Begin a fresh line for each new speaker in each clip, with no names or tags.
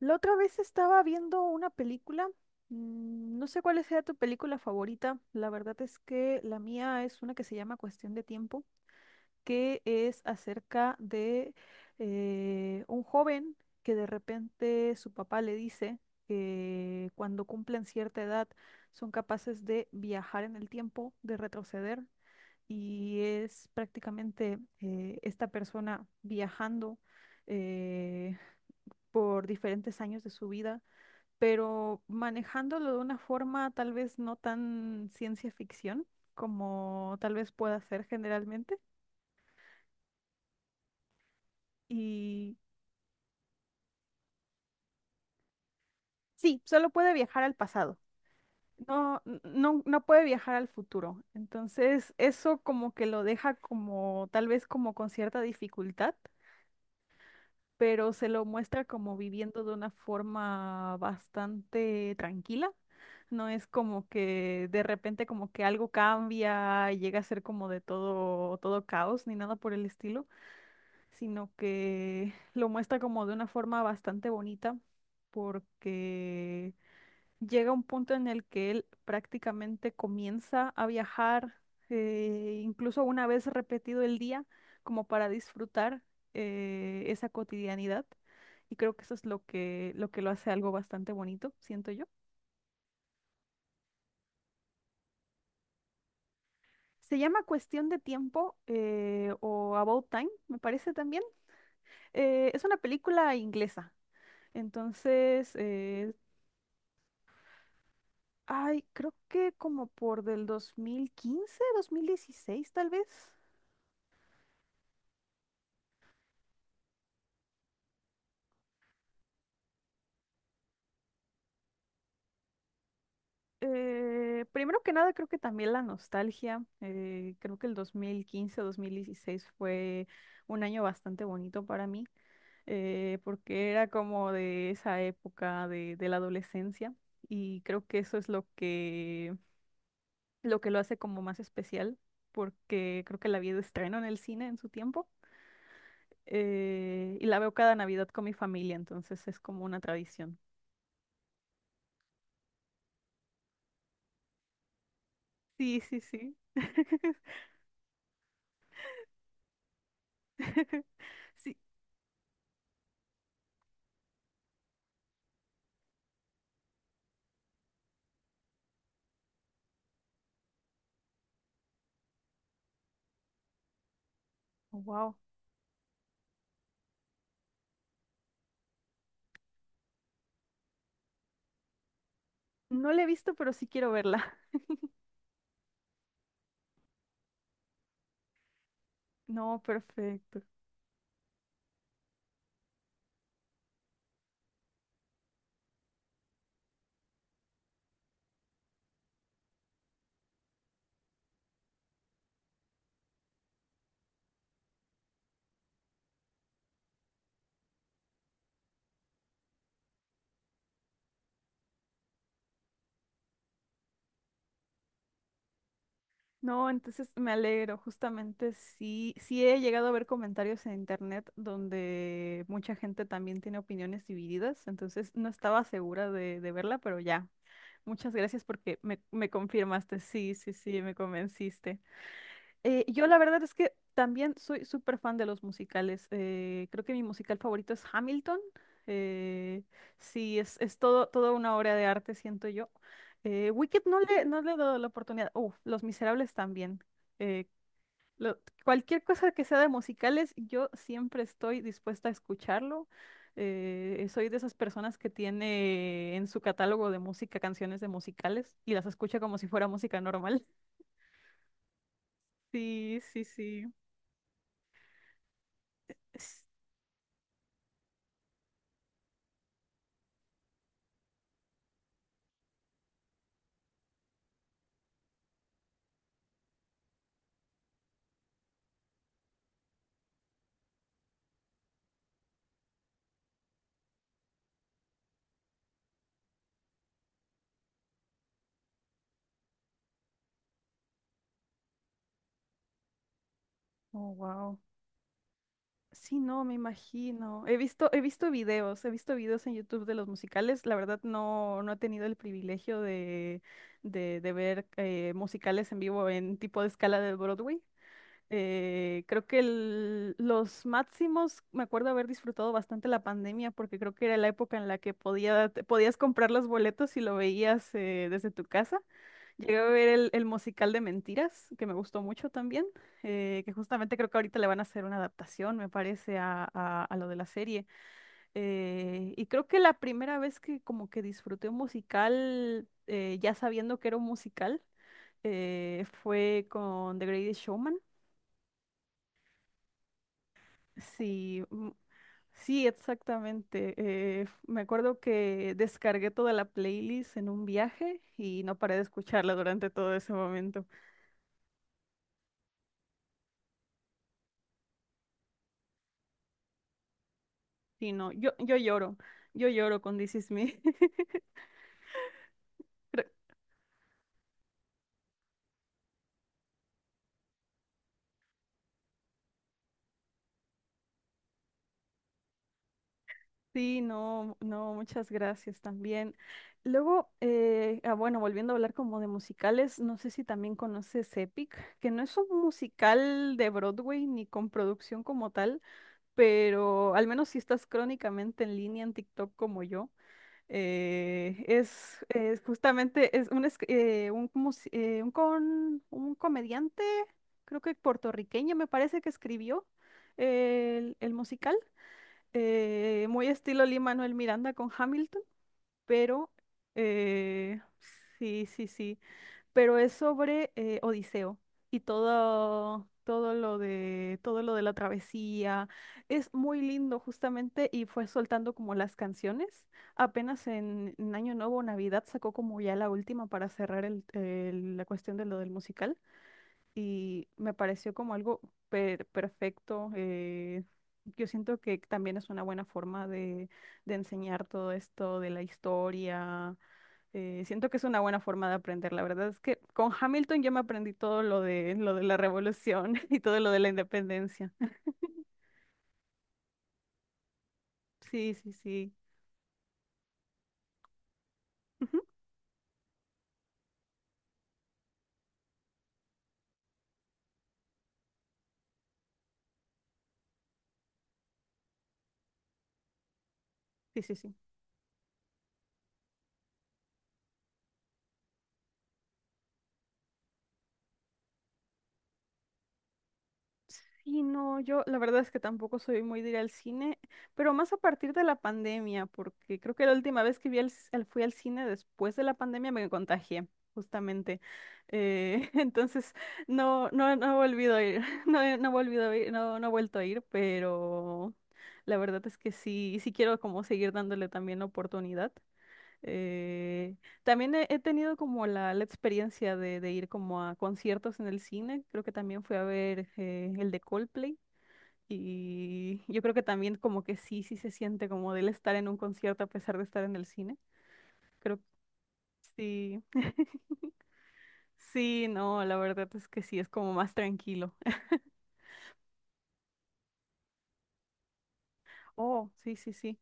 La otra vez estaba viendo una película. No sé cuál sea tu película favorita. La verdad es que la mía es una que se llama Cuestión de Tiempo, que es acerca de un joven que de repente su papá le dice que cuando cumplen cierta edad son capaces de viajar en el tiempo, de retroceder, y es prácticamente esta persona viajando eh, por diferentes años de su vida, pero manejándolo de una forma tal vez no tan ciencia ficción como tal vez pueda ser generalmente. Y sí, solo puede viajar al pasado. No, no, no puede viajar al futuro. Entonces, eso como que lo deja como tal vez como con cierta dificultad, pero se lo muestra como viviendo de una forma bastante tranquila. No es como que de repente como que algo cambia y llega a ser como de todo, todo caos ni nada por el estilo, sino que lo muestra como de una forma bastante bonita, porque llega un punto en el que él prácticamente comienza a viajar, incluso una vez repetido el día, como para disfrutar esa cotidianidad. Y creo que eso es lo que lo hace algo bastante bonito, siento yo. Se llama Cuestión de Tiempo, o About Time, me parece también. Es una película inglesa. Entonces, creo que como por del 2015, 2016 tal vez. Primero que nada, creo que también la nostalgia. Creo que el 2015, 2016 fue un año bastante bonito para mí, porque era como de esa época de la adolescencia, y creo que eso es lo que lo hace como más especial, porque creo que la vi de estreno en el cine en su tiempo, y la veo cada Navidad con mi familia, entonces es como una tradición. Sí, sí, sí. Sí. Wow. No la he visto, pero sí quiero verla. No, perfecto. No, entonces me alegro. Justamente sí, sí he llegado a ver comentarios en internet donde mucha gente también tiene opiniones divididas. Entonces no estaba segura de verla, pero ya. Muchas gracias porque me confirmaste. Sí, sí, sí, me convenciste. Yo la verdad es que también soy súper fan de los musicales. Creo que mi musical favorito es Hamilton. eh, sí, es todo, toda una obra de arte, siento yo. Wicked no le he dado la oportunidad. Uf, Los Miserables también. eh, Cualquier cosa que sea de musicales, yo siempre estoy dispuesta a escucharlo. Soy de esas personas que tiene en su catálogo de música canciones de musicales y las escucha como si fuera música normal. Sí, sí, sí. Oh, wow. Sí, no, me imagino. He visto videos en YouTube de los musicales. La verdad no, no he tenido el privilegio de ver musicales en vivo en tipo de escala de Broadway. Creo que los máximos, me acuerdo haber disfrutado bastante la pandemia porque creo que era la época en la que podía, te podías comprar los boletos y lo veías desde tu casa. Llegué a ver el musical de Mentiras, que me gustó mucho también, que justamente creo que ahorita le van a hacer una adaptación, me parece, a lo de la serie. Y creo que la primera vez que como que disfruté un musical, ya sabiendo que era un musical, fue con The Greatest Showman. Sí, mm, sí, exactamente. Me acuerdo que descargué toda la playlist en un viaje y no paré de escucharla durante todo ese momento. Sí, no, yo lloro con This Is Me. Pero- Sí, no, no, muchas gracias también. Luego, bueno, volviendo a hablar como de musicales, no sé si también conoces Epic, que no es un musical de Broadway ni con producción como tal, pero al menos si estás crónicamente en línea en TikTok como yo. Es justamente es- un, mus- un, con- un comediante, creo que puertorriqueño, me parece, que escribió el musical, muy estilo Lin-Manuel Miranda con Hamilton, pero eh, sí, sí, sí, pero es sobre Odiseo y todo, todo lo de la travesía. Es muy lindo justamente y fue soltando como las canciones. Apenas en Año Nuevo o Navidad sacó como ya la última para cerrar la cuestión de lo del musical, y me pareció como algo perfecto. Yo siento que también es una buena forma de enseñar todo esto de la historia. Siento que es una buena forma de aprender. La verdad es que con Hamilton yo me aprendí todo lo de la revolución y todo lo de la independencia. Sí, sí, sí. Ujú. Sí, sí, sí. Y no, yo la verdad es que tampoco soy muy de ir al cine, pero más a partir de la pandemia, porque creo que la última vez que vi al c- al- fui al cine después de la pandemia me contagié, justamente. Eh, entonces, no, no, no he volvido a ir, no, no he volvido a ir, no, no he vuelto a ir, pero la verdad es que sí, sí quiero como seguir dándole también la oportunidad. Eh, He tenido como la experiencia de ir como a conciertos en el cine. Creo que también fui a ver el de Coldplay. Y yo creo que también como que sí, sí se siente como del estar en un concierto a pesar de estar en el cine. Creo que sí. Sí, no, la verdad es que sí, es como más tranquilo. Oh, sí, sí, sí.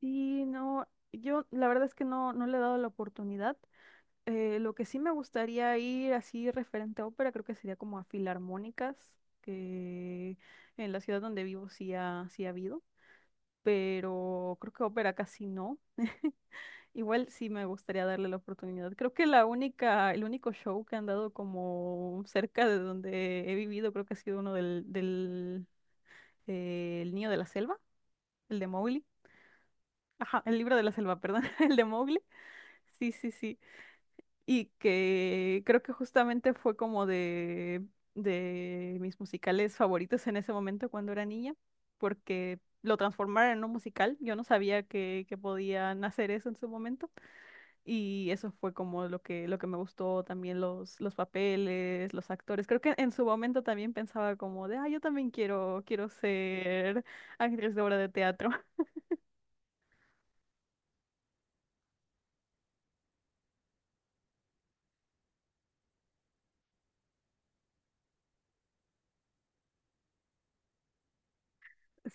Sí, no, yo la verdad es que no, no le he dado la oportunidad. Lo que sí me gustaría ir así referente a ópera, creo que sería como a filarmónicas, que en la ciudad donde vivo sí ha habido, pero creo que ópera casi no. Igual sí me gustaría darle la oportunidad. Creo que el único show que han dado como cerca de donde he vivido, creo que ha sido uno del El Niño de la Selva, el de Mowgli. Ajá, el libro de la selva, perdón, el de Mowgli. Sí, sí, sí. Y que creo que justamente fue como de mis musicales favoritos en ese momento cuando era niña, porque lo transformaron en un musical. Yo no sabía que podían hacer eso en su momento, y eso fue como lo que me gustó, también los papeles, los actores. Creo que en su momento también pensaba como de, ah, yo también quiero ser actriz de obra de teatro.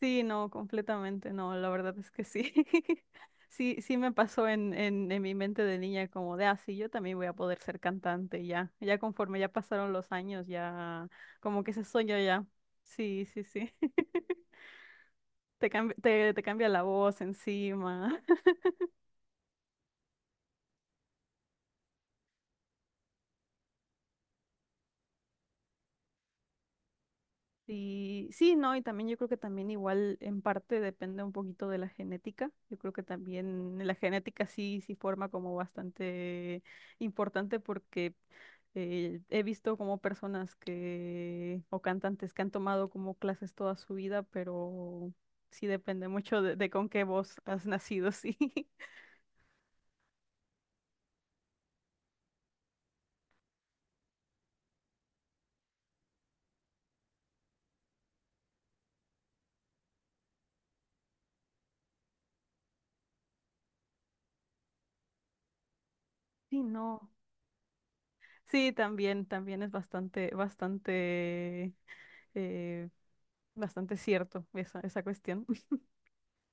Sí, no, completamente, no, la verdad es que sí. Sí, sí me pasó en mi mente de niña como de, ah, sí, yo también voy a poder ser cantante y ya, ya conforme ya pasaron los años, ya como que ese sueño ya, sí, sí, sí, te cambia, te cambia la voz encima. Sí, sí, no, y también yo creo que también igual en parte depende un poquito de la genética. Yo creo que también la genética sí, sí forma como bastante importante, porque he visto como personas que, o cantantes que han tomado como clases toda su vida, pero sí depende mucho de con qué voz has nacido, sí. Sí, no. Sí, también, también es bastante, bastante, eh, bastante cierto esa, esa cuestión.